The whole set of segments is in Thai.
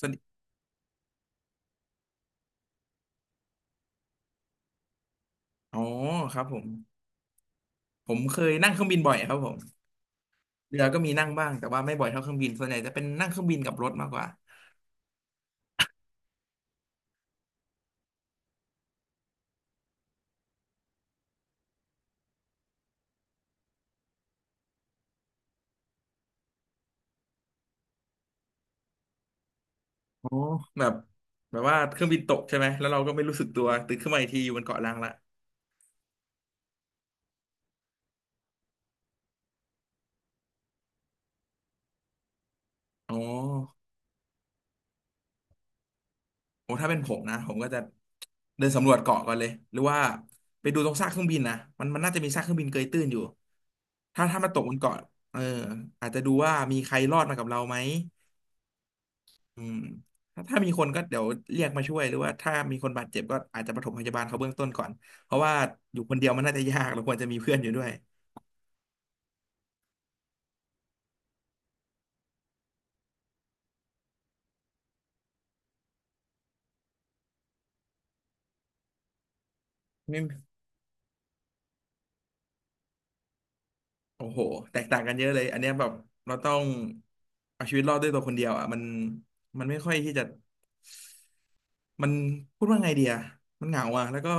สนิทอ๋อครับผมผมเคยนั่งเครื่องบินบ่อยครับผมเรือก็มีนั่งบ้างแต่ว่าไม่บ่อยเท่าเครื่องบินส่วนใหญ่จะเป็นนั่งเครื่องบินกับรถมากกว่าอ๋อแบบแบบว่าเครื่องบินตกใช่ไหมแล้วเราก็ไม่รู้สึกตัวตื่นขึ้นมาอีกทีอยู่บนเกาะล้างละอ๋อโอ้ถ้าเป็นผมนะผมก็จะเดินสำรวจเกาะก่อนเลยหรือว่าไปดูตรงซากเครื่องบินนะมันน่าจะมีซากเครื่องบินเกยตื้นอยู่ถ้ามันตกบนเกาะเอออาจจะดูว่ามีใครรอดมากับเราไหม อืมถ้ามีคนก็เดี๋ยวเรียกมาช่วยหรือว่าถ้ามีคนบาดเจ็บก็อาจจะปฐมพยาบาลเขาเบื้องต้นก่อนเพราะว่าอยู่คนเดียวมันน่าจะยากเราควรจะมีเพื่อนอยู่ด้วยไม่โอ้โหแตกต่างกันเยอะเลยอันเนี้ยแบบเราต้องเอาชีวิตรอดด้วยตัวคนเดียวอ่ะมันไม่ค่อยที่จะมันพูดว่าไงเดียมันเหงาอ่ะแล้วก็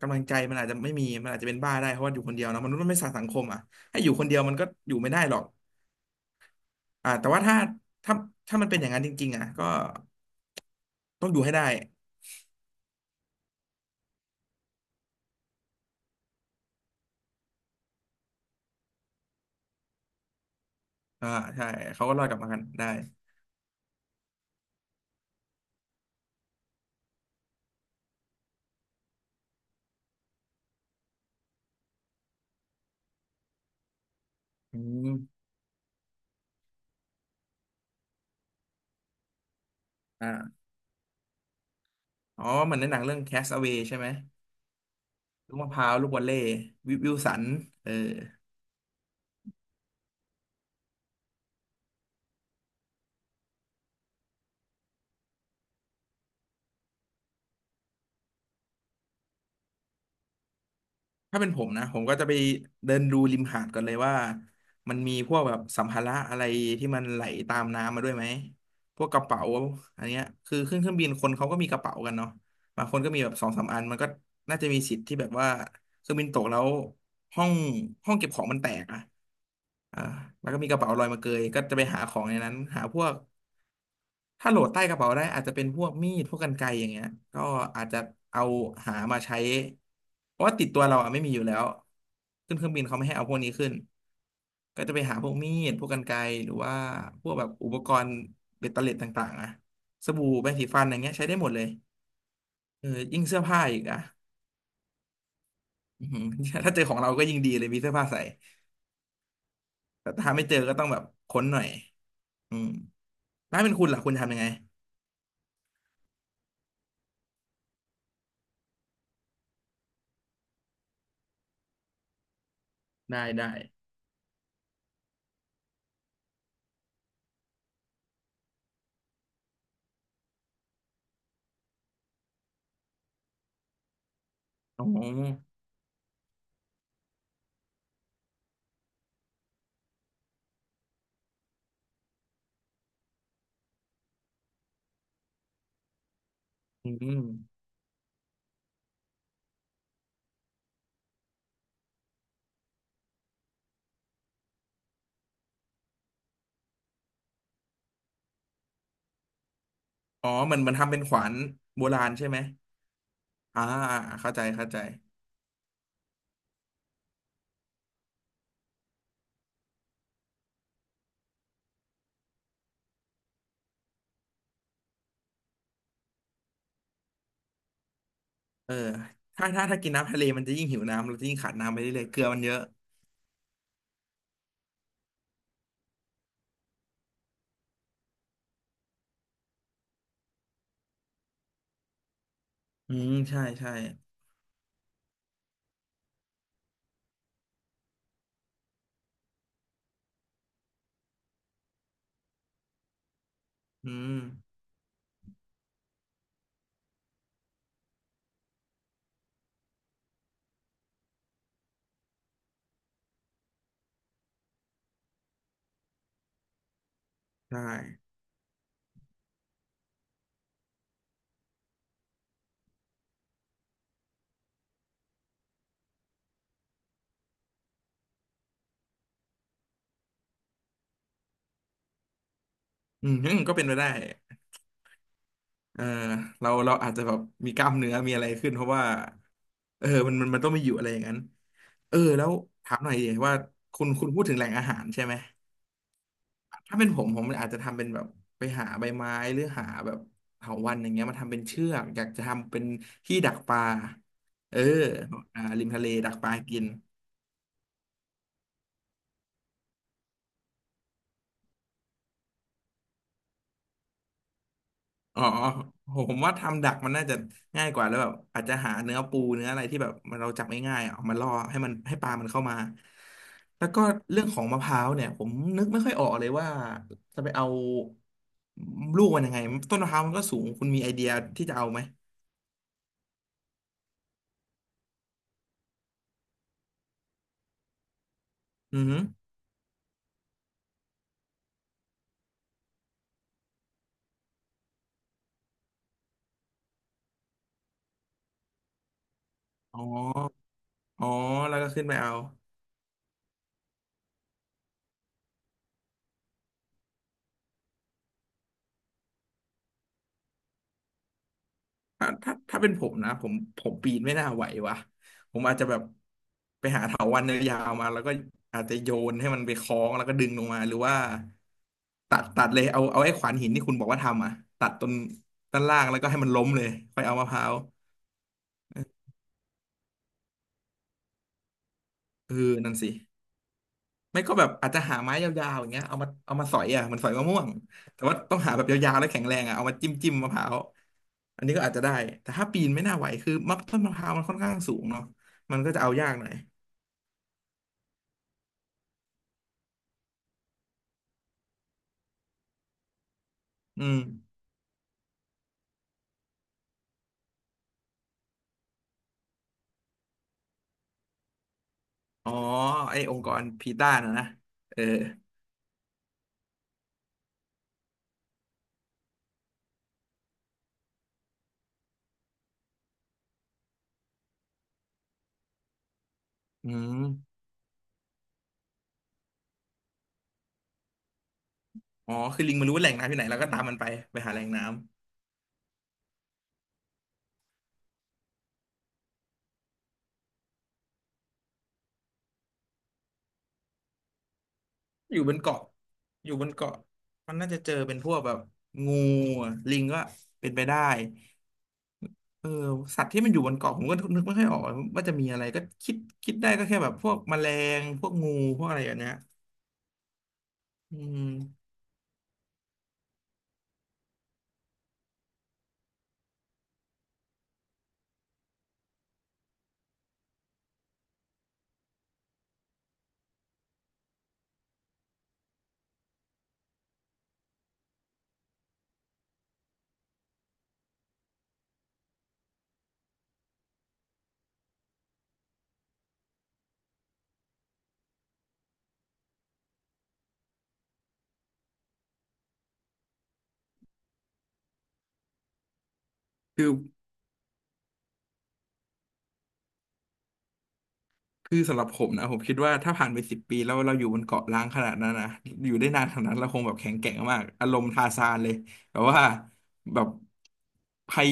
กำลังใจมันอาจจะไม่มีมันอาจจะเป็นบ้าได้เพราะว่าอยู่คนเดียวเนอะมนุษย์มันไม่สานสังคมอ่ะให้อยู่คนเดียวมันก็อยู่ไม่ได้หรอกแต่ว่าถ้าถ้าถ้ามันเป็นอย่างนั้นจริงๆอ่ะก็ต้องอยู่ให้ได้ อ่าใช่เขาก็รอดกลับมากันได้อืมอ่าอ๋อเหมือนในหนังเรื่อง Castaway ใช่ไหมลูกมะพร้าวลูกวอลเลย์วิลสันเออถ้าเป็นผมนะผมก็จะไปเดินดูริมหาดก่อนเลยว่ามันมีพวกแบบสัมภาระอะไรที่มันไหลตามน้ำมาด้วยไหมพวกกระเป๋าอันเนี้ยคือขึ้นเครื่องบินคนเขาก็มีกระเป๋ากันเนาะบางคนก็มีแบบสองสามอันมันก็น่าจะมีสิทธิ์ที่แบบว่าเครื่องบินตกแล้วห้องห้องเก็บของมันแตกอะ อ่าแล้วก็มีกระเป๋าลอยมาเกยก็จะไปหาของในนั้นหาพวกถ้าโหลดใต้กระเป๋าได้อาจจะเป็นพวกมีดพวกกรรไกรอย่างเงี้ยก็อาจจะเอาหามาใช้เพราะว่าติดตัวเราอ่ะไม่มีอยู่แล้วขึ้นเครื่องบินเขาไม่ให้เอาพวกนี้ขึ้นก็จะไปหาพวกมีดพวกกรรไกรหรือว่าพวกแบบอุปกรณ์เบ็ดเตล็ดต่างๆอะสบู่แปรงสีฟันอย่างเงี้ยใช้ได้หมดเลยเออยิ่งเสื้อผ้าอีกอ่ะอือหือ ถ้าเจอของเราก็ยิ่งดีเลยมีเสื้อผ้าใส่ แต่ถ้าไม่เจอก็ต้องแบบค้นหน่อยอืมถ้าเป็นคุณล่ะคุณทำยังไง ได้ได้อ๋ออืมมันทำเป็นขวานโบราณใช่ไหมอ่าอ่าเข้าใจเข้าใจเออถ้ากินน้ำทะเลมันจะยิ่งหิวน้ำเราจะยิ่งขาดน้ำไปเรื่อยๆเกลือมันเยอะอืมใช่ใช่อืมใช่อืมก็เป็นไปได้เออเราอาจจะแบบมีกล้ามเนื้อมีอะไรขึ้นเพราะว่าเออมันต้องมีอยู่อะไรอย่างนั้นเออแล้วถามหน่อยดิว่าคุณพูดถึงแหล่งอาหารใช่ไหม ถ้าเป็นผมผมอาจจะทำเป็นแบบไปหาใบไม้หรือหาแบบเถาวัลย์อย่างเงี้ยมาทำเป็นเชือกอยากจะทำเป็นที่ดักปลาเอออ่าริมทะเลดักปลากินอ๋อผมว่าทำดักมันน่าจะง่ายกว่าแล้วแบบอาจจะหาเนื้อปูเนื้ออะไรที่แบบมันเราจับง่ายๆอ่ะเอามาล่อให้มันให้ปลามันเข้ามาแล้วก็เรื่องของมะพร้าวเนี่ยผมนึกไม่ค่อยออกเลยว่าจะไปเอาลูกมันยังไงต้นมะพร้าวมันก็สูงคุณมีไอเดียที่จะเอาไหมอือฮึอ๋อ อ๋อแล้วก็ขึ้นไปเอาถ้าเป็นผมนะผมปีนไม่น่าไหววะผมอาจจะแบบไปหาเถาวัลย์ยาวๆมาแล้วก็อาจจะโยนให้มันไปคล้องแล้วก็ดึงลงมาหรือว่าตัดเลยเอาไอ้ขวานหินที่คุณบอกว่าทำอ่ะตัดต้นด้านล่างแล้วก็ให้มันล้มเลยค่อยเอามะพร้าวเออนั่นสิไม่ก็แบบอาจจะหาไม้ยาวๆอย่างเงี้ยเอามาสอยอ่ะเหมันสอยมะม่วงแต่ว่าต้องหาแบบยาวๆแล้วแข็งแรงอ่ะเอามาจิ้มมะพร้าว อันนี้ก็อาจจะได้แต่ถ้าปีนไม่น่าไหวคือมักต้นมะพร้าวมันค่อนข้างสูงเนาะมันก็จะเอายากหน่อยอืมอ๋อไอ้องค์กรพีต้านะนะเอออืมอ๋อคือลิงมันรู้ว่าแหล่งน้ำที่ไหนแล้วก็ตามมันไปไปหาแหล่งน้ำ อยู่บนเกาะอยู่บนเกาะมันน่าจะเจอเป็นพวกแบบงูอะลิงก็เป็นไปได้เออสัตว์ที่มันอยู่บนเกาะผมก็นึกไม่ค่อยออกว่าจะมีอะไรก็คิดคิดได้ก็แค่แบบพวกแมลงพวกงูพวกอะไรอย่างเงี้ยอืมคือ คือสำหรับผมนะผมคิดว่าถ้าผ่านไปสิบปีแล้วเราอยู่บนเกาะล้างขนาดนั้นนะอยู่ได้นานขนาดนั้นเราคงแบบแข็งแกร่งมากอารมณ์ทาซานเลยแบบว่าแบบภัย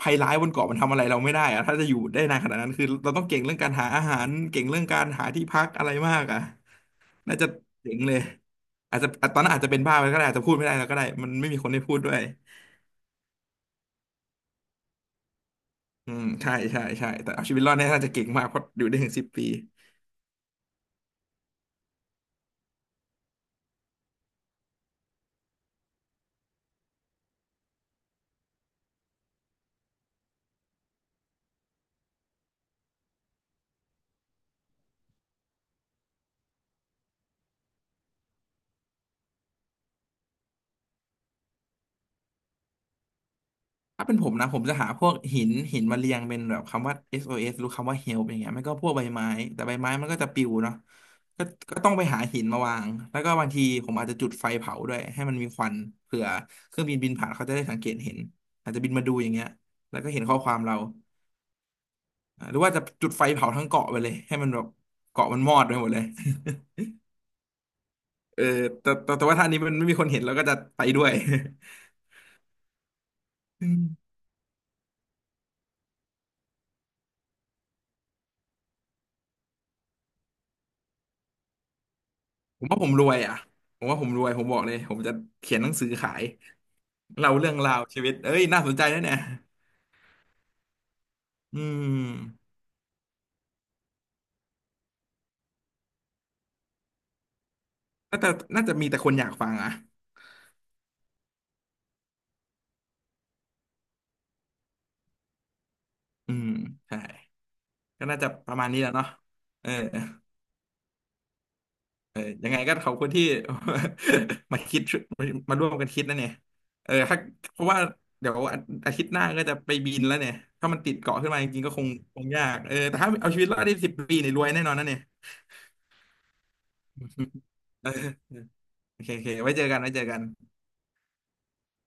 ภัยร้ายบนเกาะมันทำอะไรเราไม่ได้อะถ้าจะอยู่ได้นานขนาดนั้นคือเราต้องเก่งเรื่องการหาอาหารเก่งเรื่องการหาที่พักอะไรมากอ่ะน่าจะเจ๋งเลยอาจจะตอนนั้นอาจจะเป็นบ้าไปก็ได้อาจจะพูดไม่ได้แล้วก็ได้มันไม่มีคนให้พูดด้วยอืมใช่ใช่ใช่แต่เอาชีวิตรอดเนี่ยน่าจะเก่งมากเพราะอยู่ได้ถึงสิบปี ถ้าเป็นผมนะผมจะหาพวกหินมาเรียงเป็นแบบคำว่า SOS หรือคำว่า help อย่างเงี้ยไม่ก็พวกใบไม้แต่ใบไม้มันก็จะปลิวเนาะก็ก็ต้องไปหาหินมาวางแล้วก็บางทีผมอาจจะจุดไฟเผาด้วยให้มันมีควันเผื่อเครื่องบินบินผ่านเขาจะได้สังเกตเห็นอาจจะบินมาดูอย่างเงี้ยแล้วก็เห็นข้อความเราอ่าหรือว่าจะจุดไฟเผาทั้งเกาะไปเลยให้มันแบบเกาะมันมอดไปหมดเลย เออแต่ว่าท่านี้มันไม่มีคนเห็นแล้วก็จะไปด้วย อืมผมว่าผมรวยอ่ะผมว่าผมรวยผมบอกเลยผมจะเขียนหนังสือขาย เล่าเรื่องราวชีวิตเอ้ยน่าสนใจนะเนี่ยอืมน่าจะน่าจะมีแต่คนอยากฟังอ่ะอืมใช่ก็น่าจะประมาณนี้แหล้วเนาะเออเออยังไงก็ขอบคุณที่ มาคิดมาร่วมกันคิดนะเนี่ยเออถ้าเพราะว่าเดี๋ยวอาทิตย์หน้าก็จะไปบินแล้วเนี่ยถ้ามันติดเกาะขึ้นมาจริงๆก็คงยากเออแต่ถ้าเอาชีวิตรอดได้สิบปีเนี่ยรวยแน่นอนนะเนี่ย เออโอเคโอเคไว้เจอกันไว้เจอกัน